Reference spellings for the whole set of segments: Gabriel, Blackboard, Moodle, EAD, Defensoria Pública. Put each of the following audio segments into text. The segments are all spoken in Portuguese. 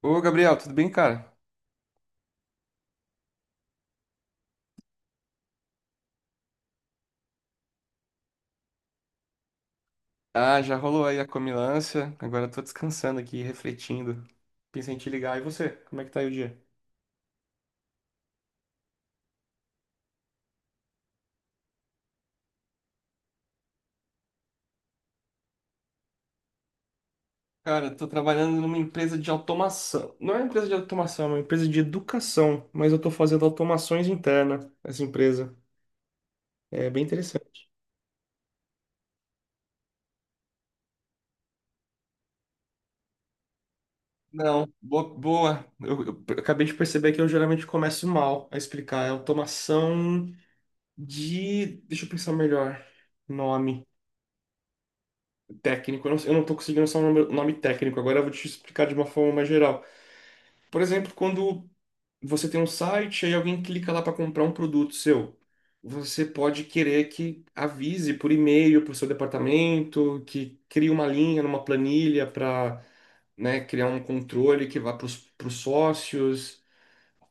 Ô, Gabriel, tudo bem, cara? Ah, já rolou aí a comilança. Agora eu tô descansando aqui, refletindo. Pensei em te ligar. E você? Como é que tá aí o dia? Cara, eu tô trabalhando numa empresa de automação. Não é uma empresa de automação, é uma empresa de educação. Mas eu tô fazendo automações internas nessa empresa. É bem interessante. Não, boa. Eu acabei de perceber que eu geralmente começo mal a explicar. É automação de. Deixa eu pensar melhor. Nome técnico, eu não tô conseguindo só o nome técnico, agora eu vou te explicar de uma forma mais geral. Por exemplo, quando você tem um site e alguém clica lá para comprar um produto seu, você pode querer que avise por e-mail para o seu departamento, que crie uma linha numa planilha para, né, criar um controle que vá para os sócios.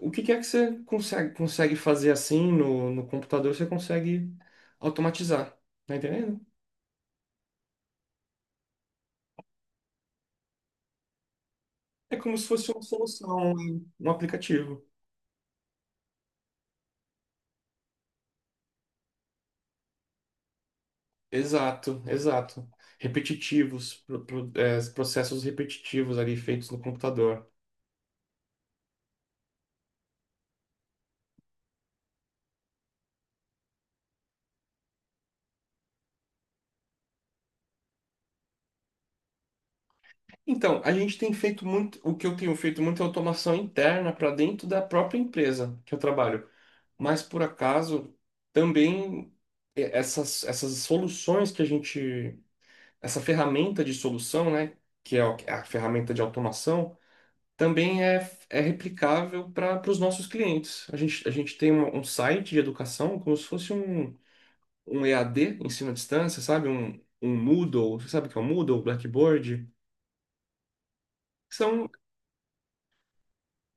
O que que é que você consegue, consegue fazer assim no computador, você consegue automatizar, tá entendendo? É como se fosse uma solução, um aplicativo. Exato, exato. Repetitivos, processos repetitivos ali feitos no computador. Então, a gente tem feito muito, o que eu tenho feito muito é automação interna para dentro da própria empresa que eu trabalho. Mas por acaso, também é, essas soluções que a gente, essa ferramenta de solução, né, que é a ferramenta de automação, também é, é replicável para os nossos clientes. A gente tem um site de educação como se fosse um EAD, ensino à distância, sabe? Um Moodle, você sabe o que é um Moodle, um Blackboard? São,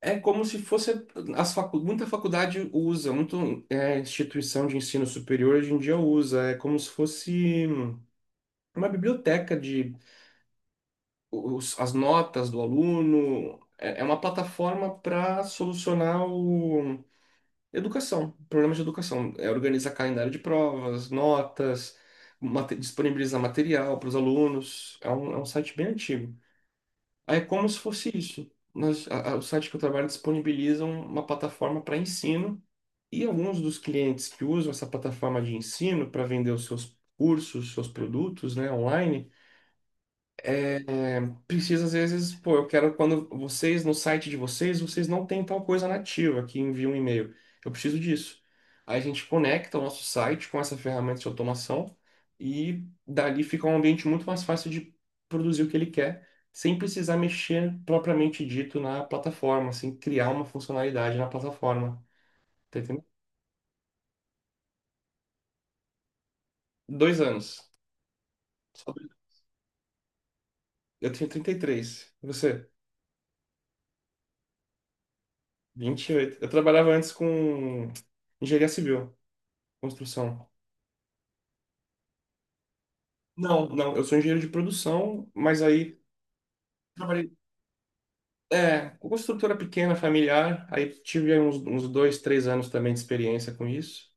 é como se fosse, muita faculdade usa, muita é, instituição de ensino superior hoje em dia usa, é como se fosse uma biblioteca de os, as notas do aluno, é, é uma plataforma para solucionar o... Educação, problemas de educação, é organizar calendário de provas, notas, disponibilizar material para os alunos. É um site bem antigo. É como se fosse isso. Nós, o site que eu trabalho disponibiliza uma plataforma para ensino e alguns dos clientes que usam essa plataforma de ensino para vender os seus cursos, seus produtos, né, online, precisa, às vezes, pô, eu quero quando vocês, no site de vocês, vocês não têm tal coisa nativa que envia um e-mail. Eu preciso disso. Aí a gente conecta o nosso site com essa ferramenta de automação e dali fica um ambiente muito mais fácil de produzir o que ele quer, sem precisar mexer propriamente dito na plataforma, sem criar uma funcionalidade na plataforma. Tá entendendo? Dois anos. Só dois- Eu tenho 33. E três. E você? 28. Eu trabalhava antes com engenharia civil, construção. Não, não, eu sou engenheiro de produção, mas aí trabalhei é, com construtora pequena, familiar, aí tive aí uns, uns dois, três anos também de experiência com isso.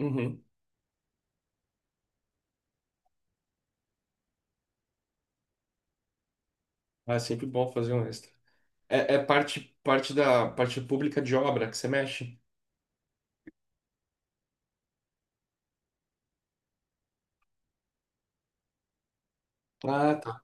Uhum. Ah, é sempre bom fazer um extra. É, é parte, parte da parte pública de obra que você mexe? Ah, tá.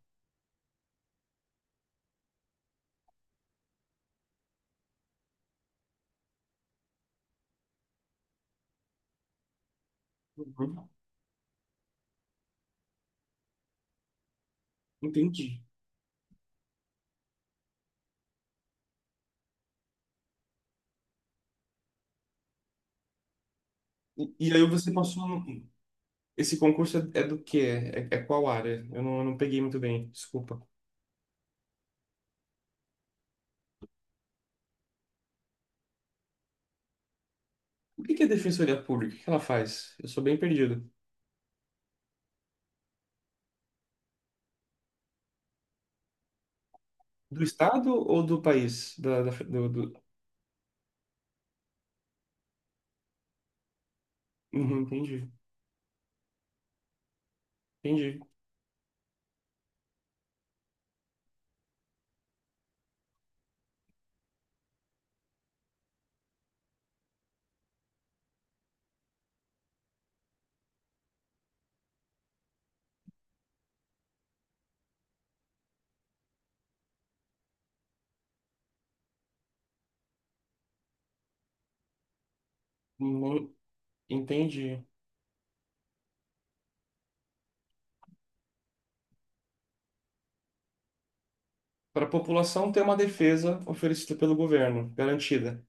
Uhum. Entendi. E aí você passou. No- Esse concurso é, é do quê? É, é qual área? Eu não peguei muito bem, desculpa. O que que é Defensoria Pública? O que ela faz? Eu sou bem perdido. Do estado ou do país? Uhum, entendi, entendi, Mu- entendi. Para a população ter uma defesa oferecida pelo governo, garantida.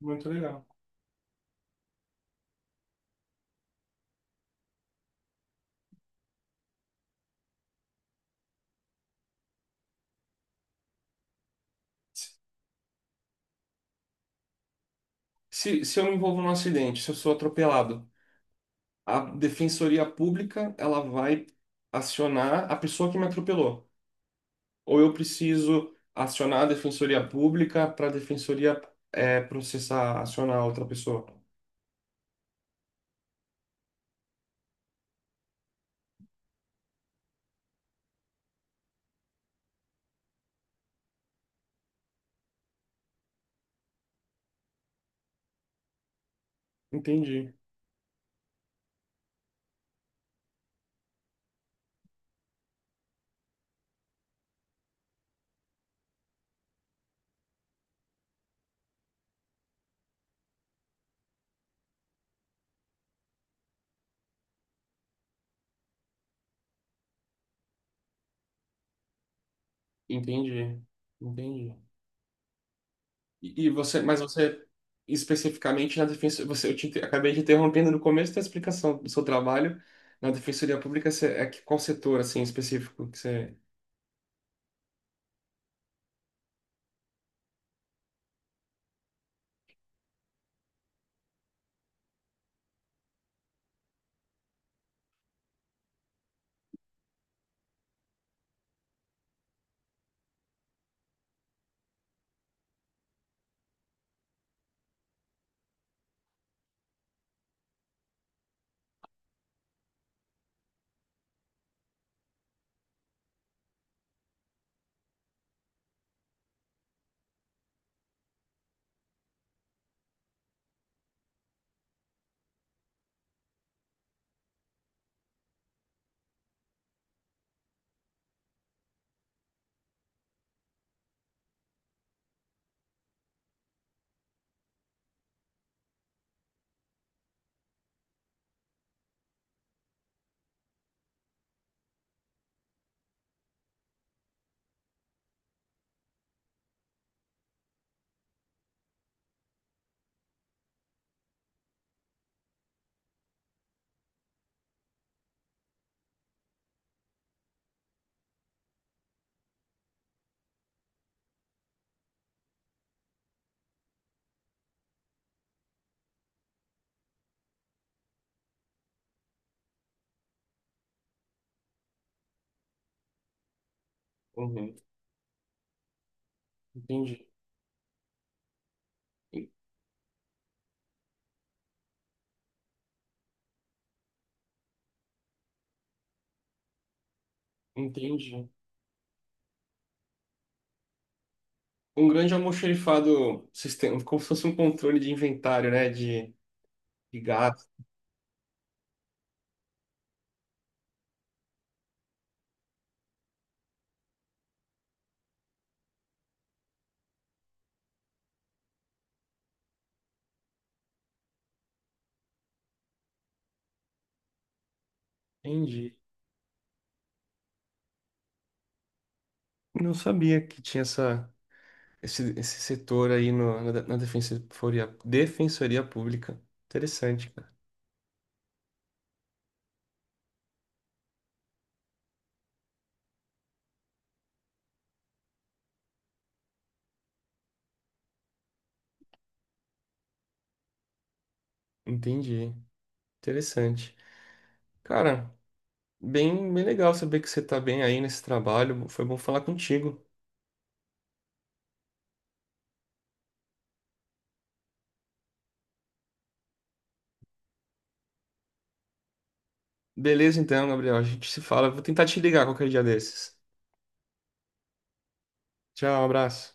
Muito legal. Se, se eu me envolvo num acidente, se eu sou atropelado, a defensoria pública ela vai acionar a pessoa que me atropelou. Ou eu preciso acionar a defensoria pública para a defensoria eh, processar, acionar outra pessoa. Entendi, entendi, entendi. E você, mas você especificamente na defensoria, você, acabei te interrompendo no começo da explicação do seu trabalho na Defensoria Pública, você, é que qual setor assim específico que você Uhum. Entendi. En- Entendi. Um grande almoxerifado sistema, como se fosse um controle de inventário, né, de gato. Entendi. Não sabia que tinha essa esse setor aí no, na Defensoria Pública. Interessante, cara. Entendi. Interessante. Cara, bem legal saber que você tá bem aí nesse trabalho. Foi bom falar contigo. Beleza, então, Gabriel. A gente se fala. Vou tentar te ligar qualquer dia desses. Tchau, abraço.